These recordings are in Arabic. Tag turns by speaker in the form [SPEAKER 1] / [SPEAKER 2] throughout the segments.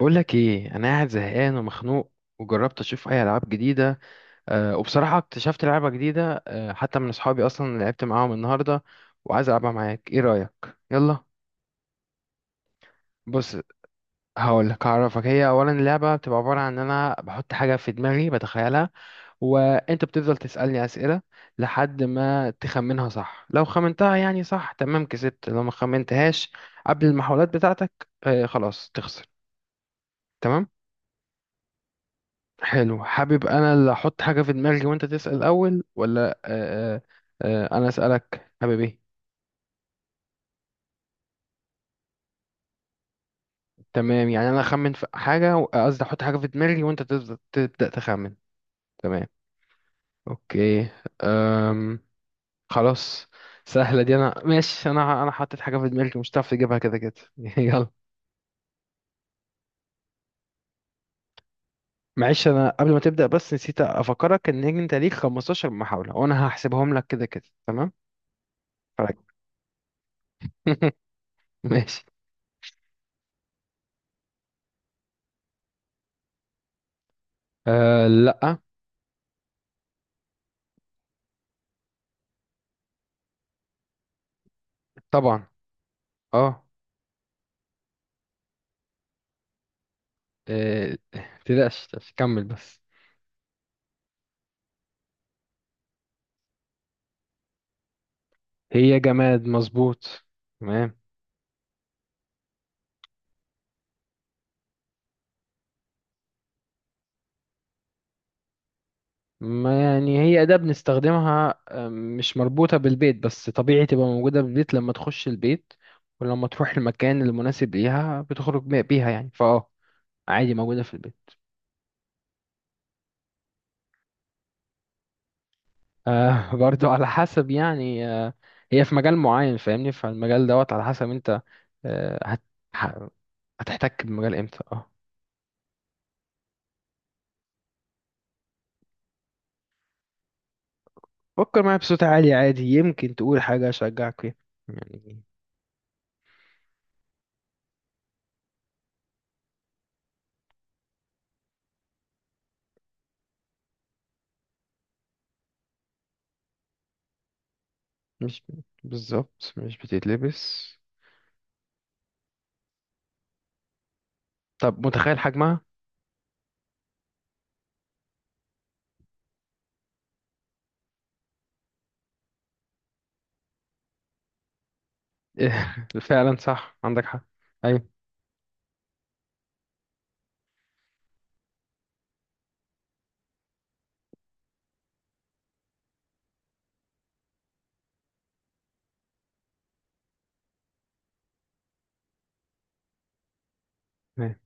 [SPEAKER 1] بقول لك ايه، انا قاعد زهقان ومخنوق وجربت اشوف اي العاب جديده. وبصراحه اكتشفت لعبه جديده، حتى من اصحابي اصلا اللي لعبت معاهم النهارده، وعايز العبها معاك. ايه رايك؟ يلا. بص، هقول لك هعرفك. هي اولا اللعبه بتبقى عباره عن ان انا بحط حاجه في دماغي بتخيلها، وانت بتفضل تسالني اسئله لحد ما تخمنها صح. لو خمنتها يعني صح، تمام، كسبت. لو ما خمنتهاش قبل المحاولات بتاعتك، خلاص تخسر. تمام؟ حلو. حابب انا اللي احط حاجة في دماغي وانت تسأل اول، ولا انا اسألك؟ حابب ايه؟ تمام، يعني انا اخمن في حاجة، قصدي احط حاجة في دماغي وانت تبدأ تخمن. تمام. اوكي. أم خلاص. سهلة دي، انا ماشي. انا حطيت حاجة في دماغي مش هتعرف تجيبها كده كده. يلا. معلش انا قبل ما تبدأ بس نسيت افكرك ان انت ليك 15 محاولة، وانا هحسبهم لك كده كده. تمام؟ فرق. ماشي. لا. طبعا. اه. آه، تلاش تلاش، كمل بس. هي جماد، مظبوط. تمام. ما يعني هي أداة بنستخدمها، مش مربوطة بالبيت، بس طبيعي تبقى موجودة بالبيت لما تخش البيت، ولما تروح المكان المناسب ليها بتخرج بيها يعني، عادي موجودة في البيت. برضو على حسب يعني، هي في مجال معين، فاهمني؟ فالمجال دوت على حسب انت. آه هت ه- هتحتك بالمجال امتى؟ اه. فكر معايا بصوت عالي عادي، يمكن تقول حاجة أشجعك فيها يعني. مش بالظبط مش بتتلبس. طب متخيل حجمها؟ فعلا صح، عندك حق. ايوه. أيوة.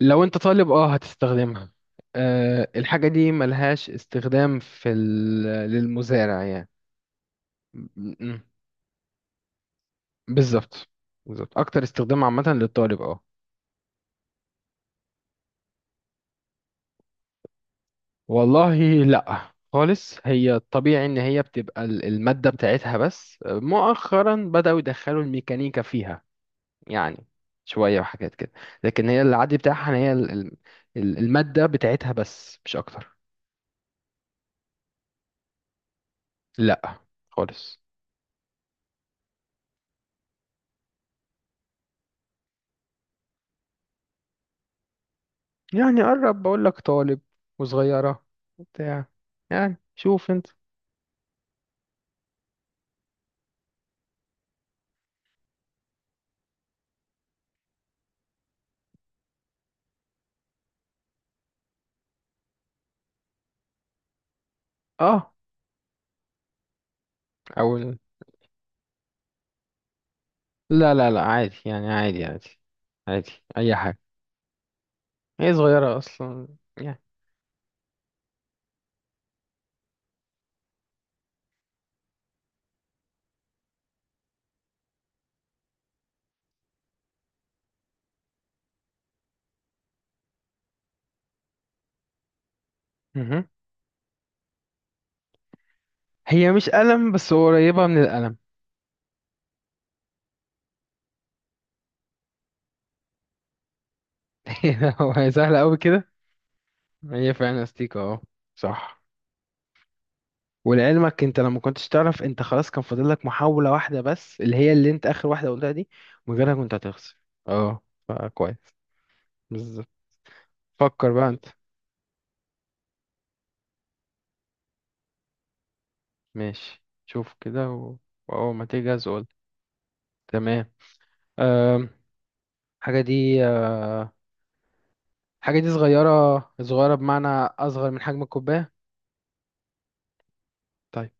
[SPEAKER 1] لو انت طالب اه هتستخدمها. أه الحاجة دي ملهاش استخدام في ال... للمزارع يعني. م- م- بالظبط، بالظبط. اكتر استخدام عامة للطالب، اه. والله لا خالص. هي طبيعي ان هي بتبقى المادة بتاعتها، بس مؤخرا بدأوا يدخلوا الميكانيكا فيها يعني، شوية وحاجات كده. لكن هي العادي بتاعها، يعني هي المادة بتاعتها بس، مش أكتر. لا خالص. يعني قرب، بقول لك طالب وصغيرة بتاع، يعني شوف انت. اه. او ال- لا عادي يعني، عادي. عادي، اي حاجة. هي صغيرة اصلا يعني. مهم. هي مش قلم، بس هو قريبة من القلم. هو سهلة قوي كده. هي فعلا استيكة، اه، صح. ولعلمك انت لما كنتش تعرف، انت خلاص كان فاضل لك محاولة واحدة بس، اللي هي اللي انت اخر واحدة قلتها دي. من غيرها كنت هتخسر، اه، فكويس. بالظبط. فكر بقى انت. ماشي. شوف كده و... واول ما تجهز قول. تمام. أم... حاجة دي أه... حاجة دي صغيرة، صغيرة بمعنى اصغر من حجم الكوباية. طيب.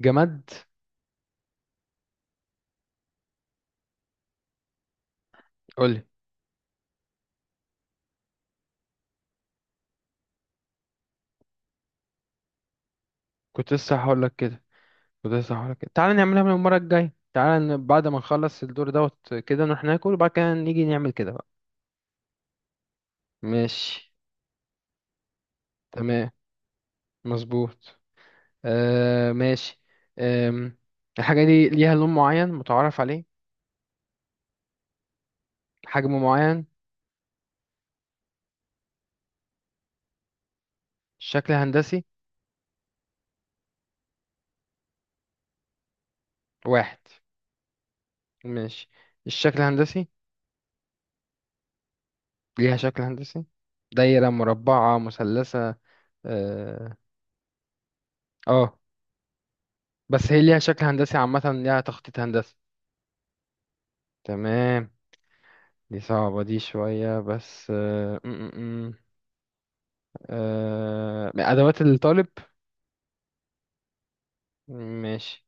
[SPEAKER 1] جماد. قولي. كنت لسه هقول لك كده، كنت لسه هقول لك كده. تعالى نعملها من المرة الجاية، تعالى بعد ما نخلص الدور دوت كده نروح ناكل، وبعد كده نيجي نعمل كده. ماشي. تمام، مظبوط. آه ماشي. آم، الحاجة دي ليها لون معين متعارف عليه؟ حجم معين؟ شكل هندسي؟ واحد؟ ماشي. الشكل الهندسي، ليها شكل هندسي، دايرة، مربعة، مثلثة؟ اه. آه. بس هي ليها شكل هندسي عامة، ليها تخطيط هندسي. تمام. دي صعبة دي شوية، بس آه. م -م -م. آه. أدوات الطالب؟ ماشي.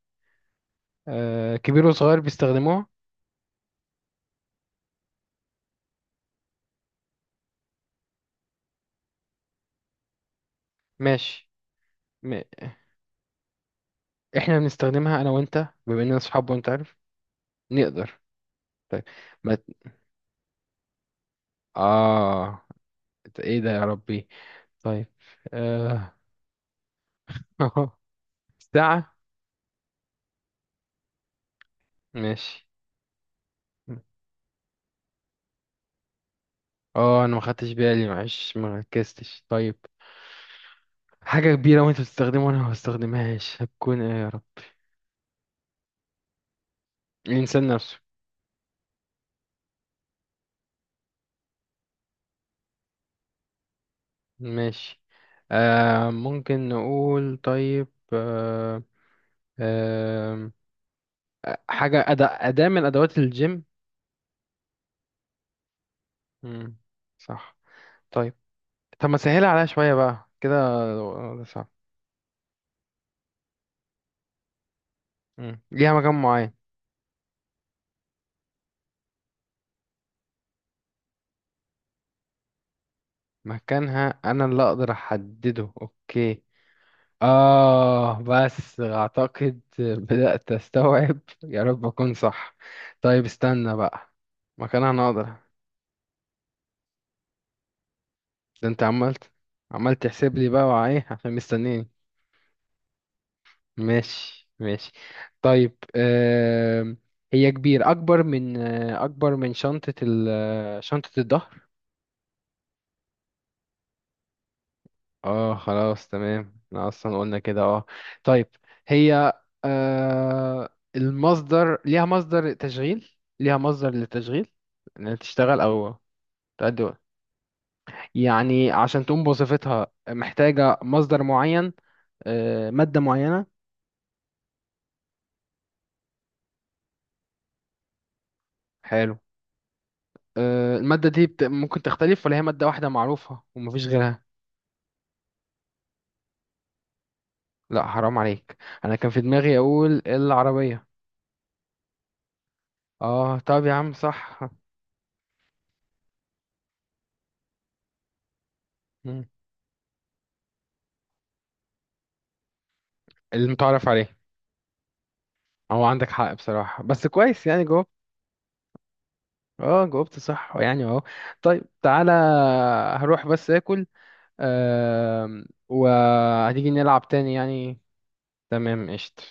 [SPEAKER 1] آه. كبير وصغير بيستخدموها؟ ماشي. م... احنا بنستخدمها انا وانت، بما اننا صحاب، وانت عارف. نقدر. طيب. ما ت- اه. ده ايه ده يا ربي؟ طيب. آه... ساعة؟ ماشي. اه انا ما خدتش بالي، معلش ما ركزتش. طيب. حاجة كبيرة وانت بتستخدمها وانا ما بستخدمهاش، هتكون ايه يا رب؟ الانسان نفسه. ماشي. آه ممكن نقول، طيب، آه آه حاجة، أداة من أدوات الجيم؟ مم. صح. طيب. طب ما سهل عليها شوية بقى كده. ده صعب. مم. ليها مكان معين؟ مكانها أنا اللي أقدر أحدده. أوكي، آه، بس أعتقد بدأت أستوعب، يا رب أكون صح. طيب استنى بقى، مكانها أنا أقدر. ده أنت عملت تحسب لي بقى وعيه، عشان مستنيني. ماشي ماشي. طيب. آه هي كبير، أكبر من أكبر من شنطة ال آه، شنطة الظهر. اه خلاص، تمام، احنا اصلا قلنا كده اه. طيب، هي، آه، المصدر، ليها مصدر تشغيل، ليها مصدر للتشغيل، انها تشتغل او تأدي، يعني عشان تقوم بوظيفتها محتاجة مصدر معين، آه مادة معينة. حلو. آه المادة دي بت... ممكن تختلف، ولا هي مادة واحدة معروفة ومفيش غيرها؟ لا حرام عليك، انا كان في دماغي اقول العربية. اه طب يا عم صح. مم. المتعارف عليه. هو عندك حق بصراحة، بس كويس يعني جاوبت. اه جاوبت صح يعني، اهو. طيب تعالى، هروح بس اكل، آه وهتيجي نلعب تاني يعني. تمام، قشطة.